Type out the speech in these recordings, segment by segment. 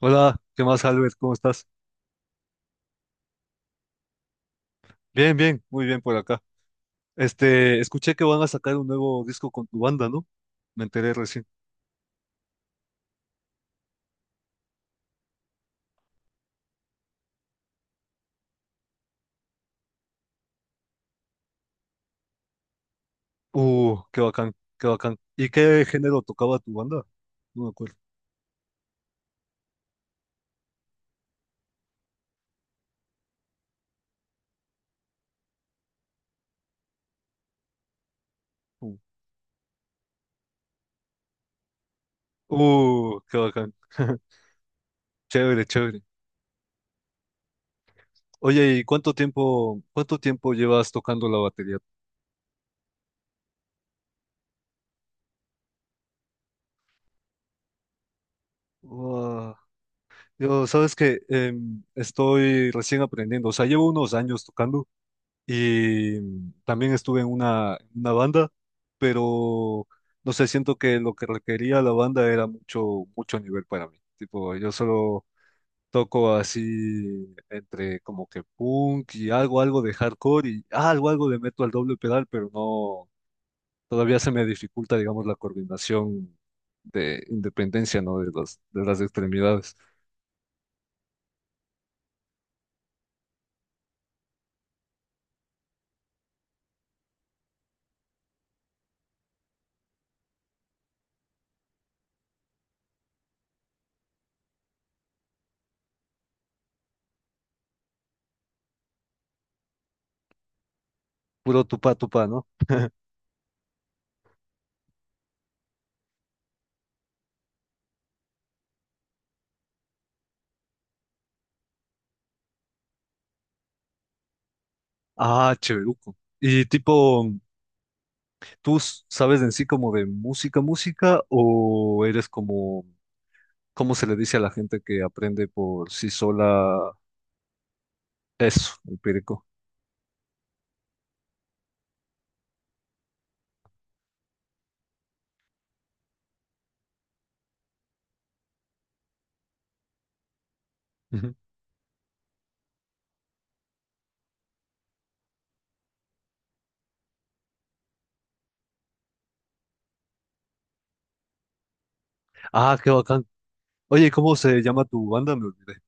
Hola, ¿qué más, Albert? ¿Cómo estás? Bien, bien, muy bien por acá. Este, escuché que van a sacar un nuevo disco con tu banda, ¿no? Me enteré recién. Qué bacán, qué bacán. ¿Y qué género tocaba tu banda? No me acuerdo. Uh, qué bacán. Chévere, chévere. Oye, ¿y cuánto tiempo llevas tocando la batería? Uah, yo, sabes que estoy recién aprendiendo, o sea, llevo unos años tocando. Y también estuve en una banda, pero no sé, siento que lo que requería la banda era mucho, mucho nivel para mí. Tipo, yo solo toco así entre como que punk y algo, algo de hardcore y algo, algo le meto al doble pedal, pero no, todavía se me dificulta, digamos, la coordinación de independencia, ¿no? De las extremidades. Puro tupa tupa, ¿no? Ah, cheveruco. Y tipo. ¿Tú sabes en sí como de música, música, o eres como, cómo se le dice a la gente que aprende por sí sola eso, empírico? Ujú. Ah, qué bacán. Oye, ¿cómo se llama tu banda? Me olvidé.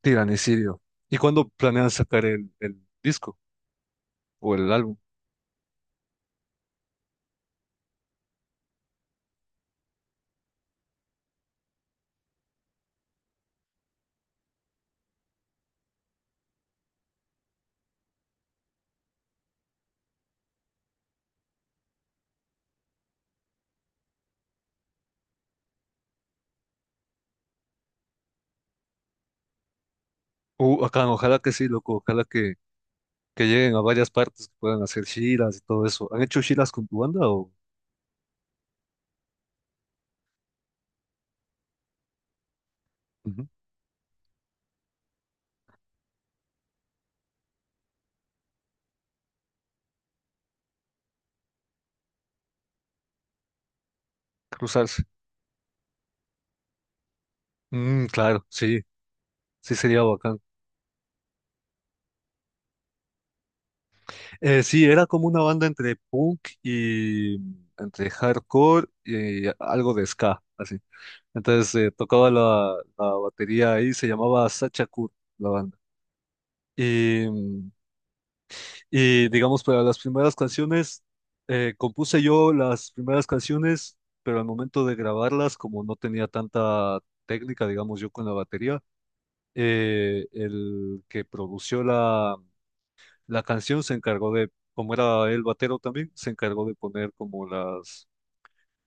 Tiranicidio. ¿Y cuándo planean sacar el disco o el álbum? Acá, ojalá que sí, loco, ojalá que lleguen a varias partes, que puedan hacer giras y todo eso. ¿Han hecho giras con tu banda o Ujú. Cruzarse? Mm, claro, sí, sí sería bacán. Sí, era como una banda entre punk y entre hardcore y algo de ska, así. Entonces tocaba la batería ahí, se llamaba Sachakur, la banda. Y, y digamos, para las primeras canciones, compuse yo las primeras canciones, pero al momento de grabarlas, como no tenía tanta técnica, digamos, yo con la batería, el que produció la canción se encargó de, como era el batero también, se encargó de poner como las,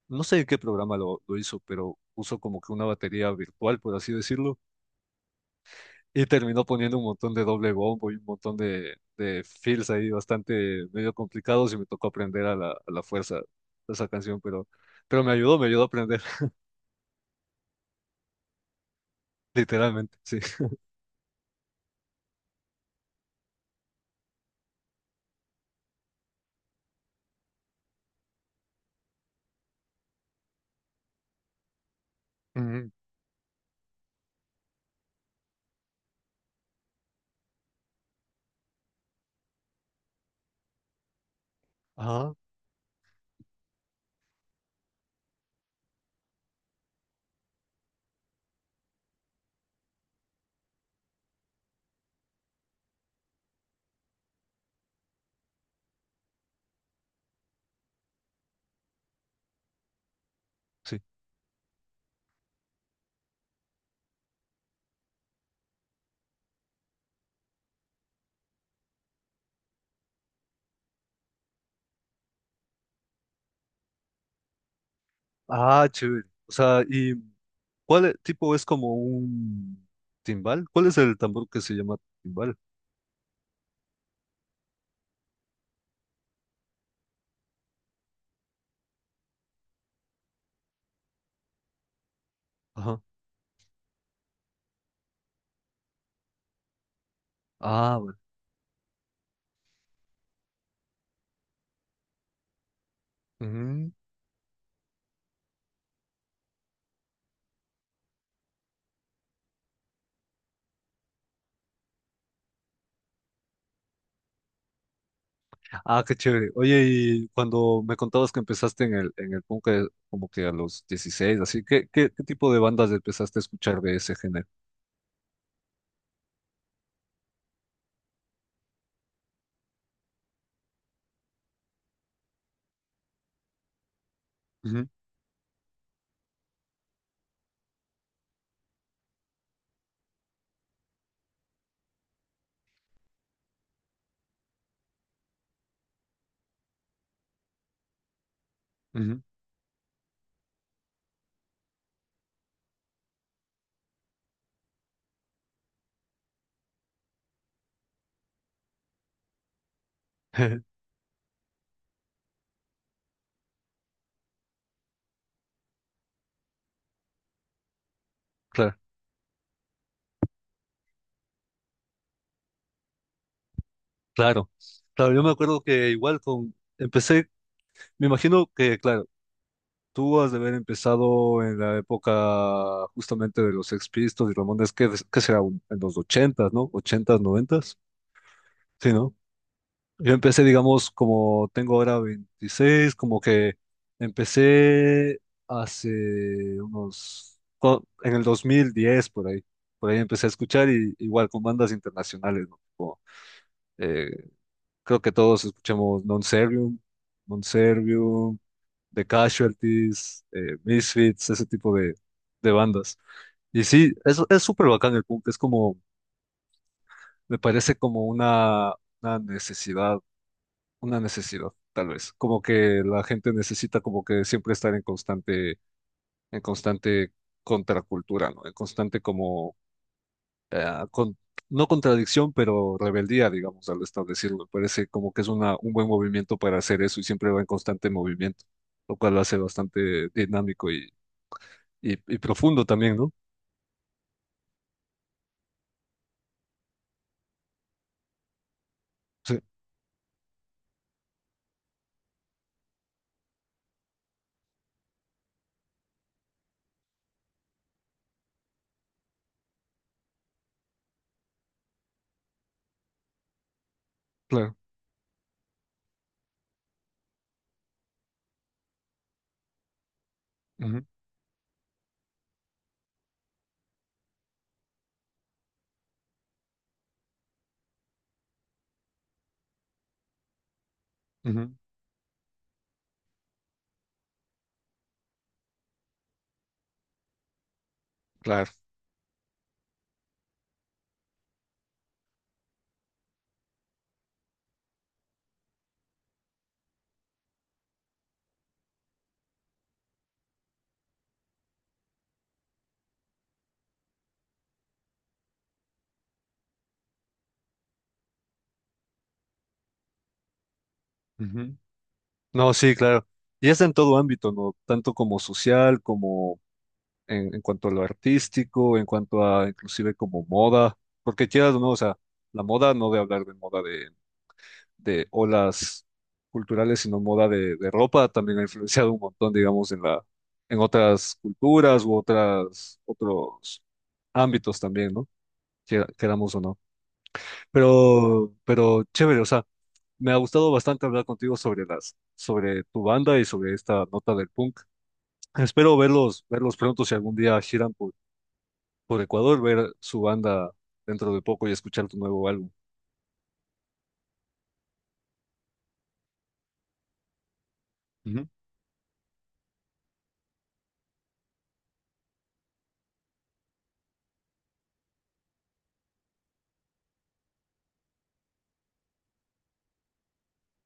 no sé en qué programa lo hizo, pero puso como que una batería virtual, por así decirlo, y terminó poniendo un montón de doble bombo y un montón de fills ahí bastante medio complicados y me tocó aprender a la fuerza esa canción, pero me ayudó a aprender. Literalmente, sí. Ujú. Ajá, sí. Ah, chévere. O sea, ¿y cuál tipo es como un timbal? ¿Cuál es el tambor que se llama timbal? Ajá. Ah, bueno. Ujú. Ah, qué chévere. Oye, y cuando me contabas que empezaste en el punk como que a los 16 así, ¿qué, qué, qué tipo de bandas empezaste a escuchar de ese género? Ujú, ujú. Claro, claro. Claro, yo me acuerdo que igual con, empecé, me imagino que, claro, tú has de haber empezado en la época justamente de los Sex Pistols y Ramones, que será en los ochentas, ¿no? Ochentas, noventas, sí, no. Yo empecé, digamos, como tengo ahora 26, como que empecé hace unos, en el 2010 por ahí empecé a escuchar y igual con bandas internacionales, ¿no? Como, eh, creo que todos escuchamos Non Servium, Non Servium, The Casualties, Misfits, ese tipo de bandas. Y sí, es súper bacán el punk, es como, me parece como una necesidad, una necesidad, tal vez. Como que la gente necesita como que siempre estar en constante contracultura, ¿no? En constante como, eh, con- no contradicción, pero rebeldía, digamos, al establecerlo. Me parece como que es una, un buen movimiento para hacer eso y siempre va en constante movimiento, lo cual lo hace bastante dinámico y profundo también, ¿no? Sí, claro. Ujú, ujú, claro. Ujú. No, sí, claro. Y es en todo ámbito, ¿no? Tanto como social, como en cuanto a lo artístico, en cuanto a inclusive como moda, porque quieras o no, o sea, la moda no de hablar de moda de olas culturales, sino moda de ropa, también ha influenciado un montón, digamos, en la, en otras culturas u otras, otros ámbitos también, ¿no? Quiera- Queramos o no. Pero chévere, o sea, me ha gustado bastante hablar contigo sobre las, sobre tu banda y sobre esta nota del punk. Espero verlos, verlos pronto si algún día giran por Ecuador, ver su banda dentro de poco y escuchar tu nuevo álbum. Ujú.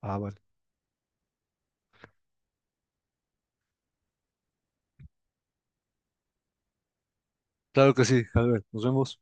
Ah, vale. Claro que sí, Albert, nos vemos.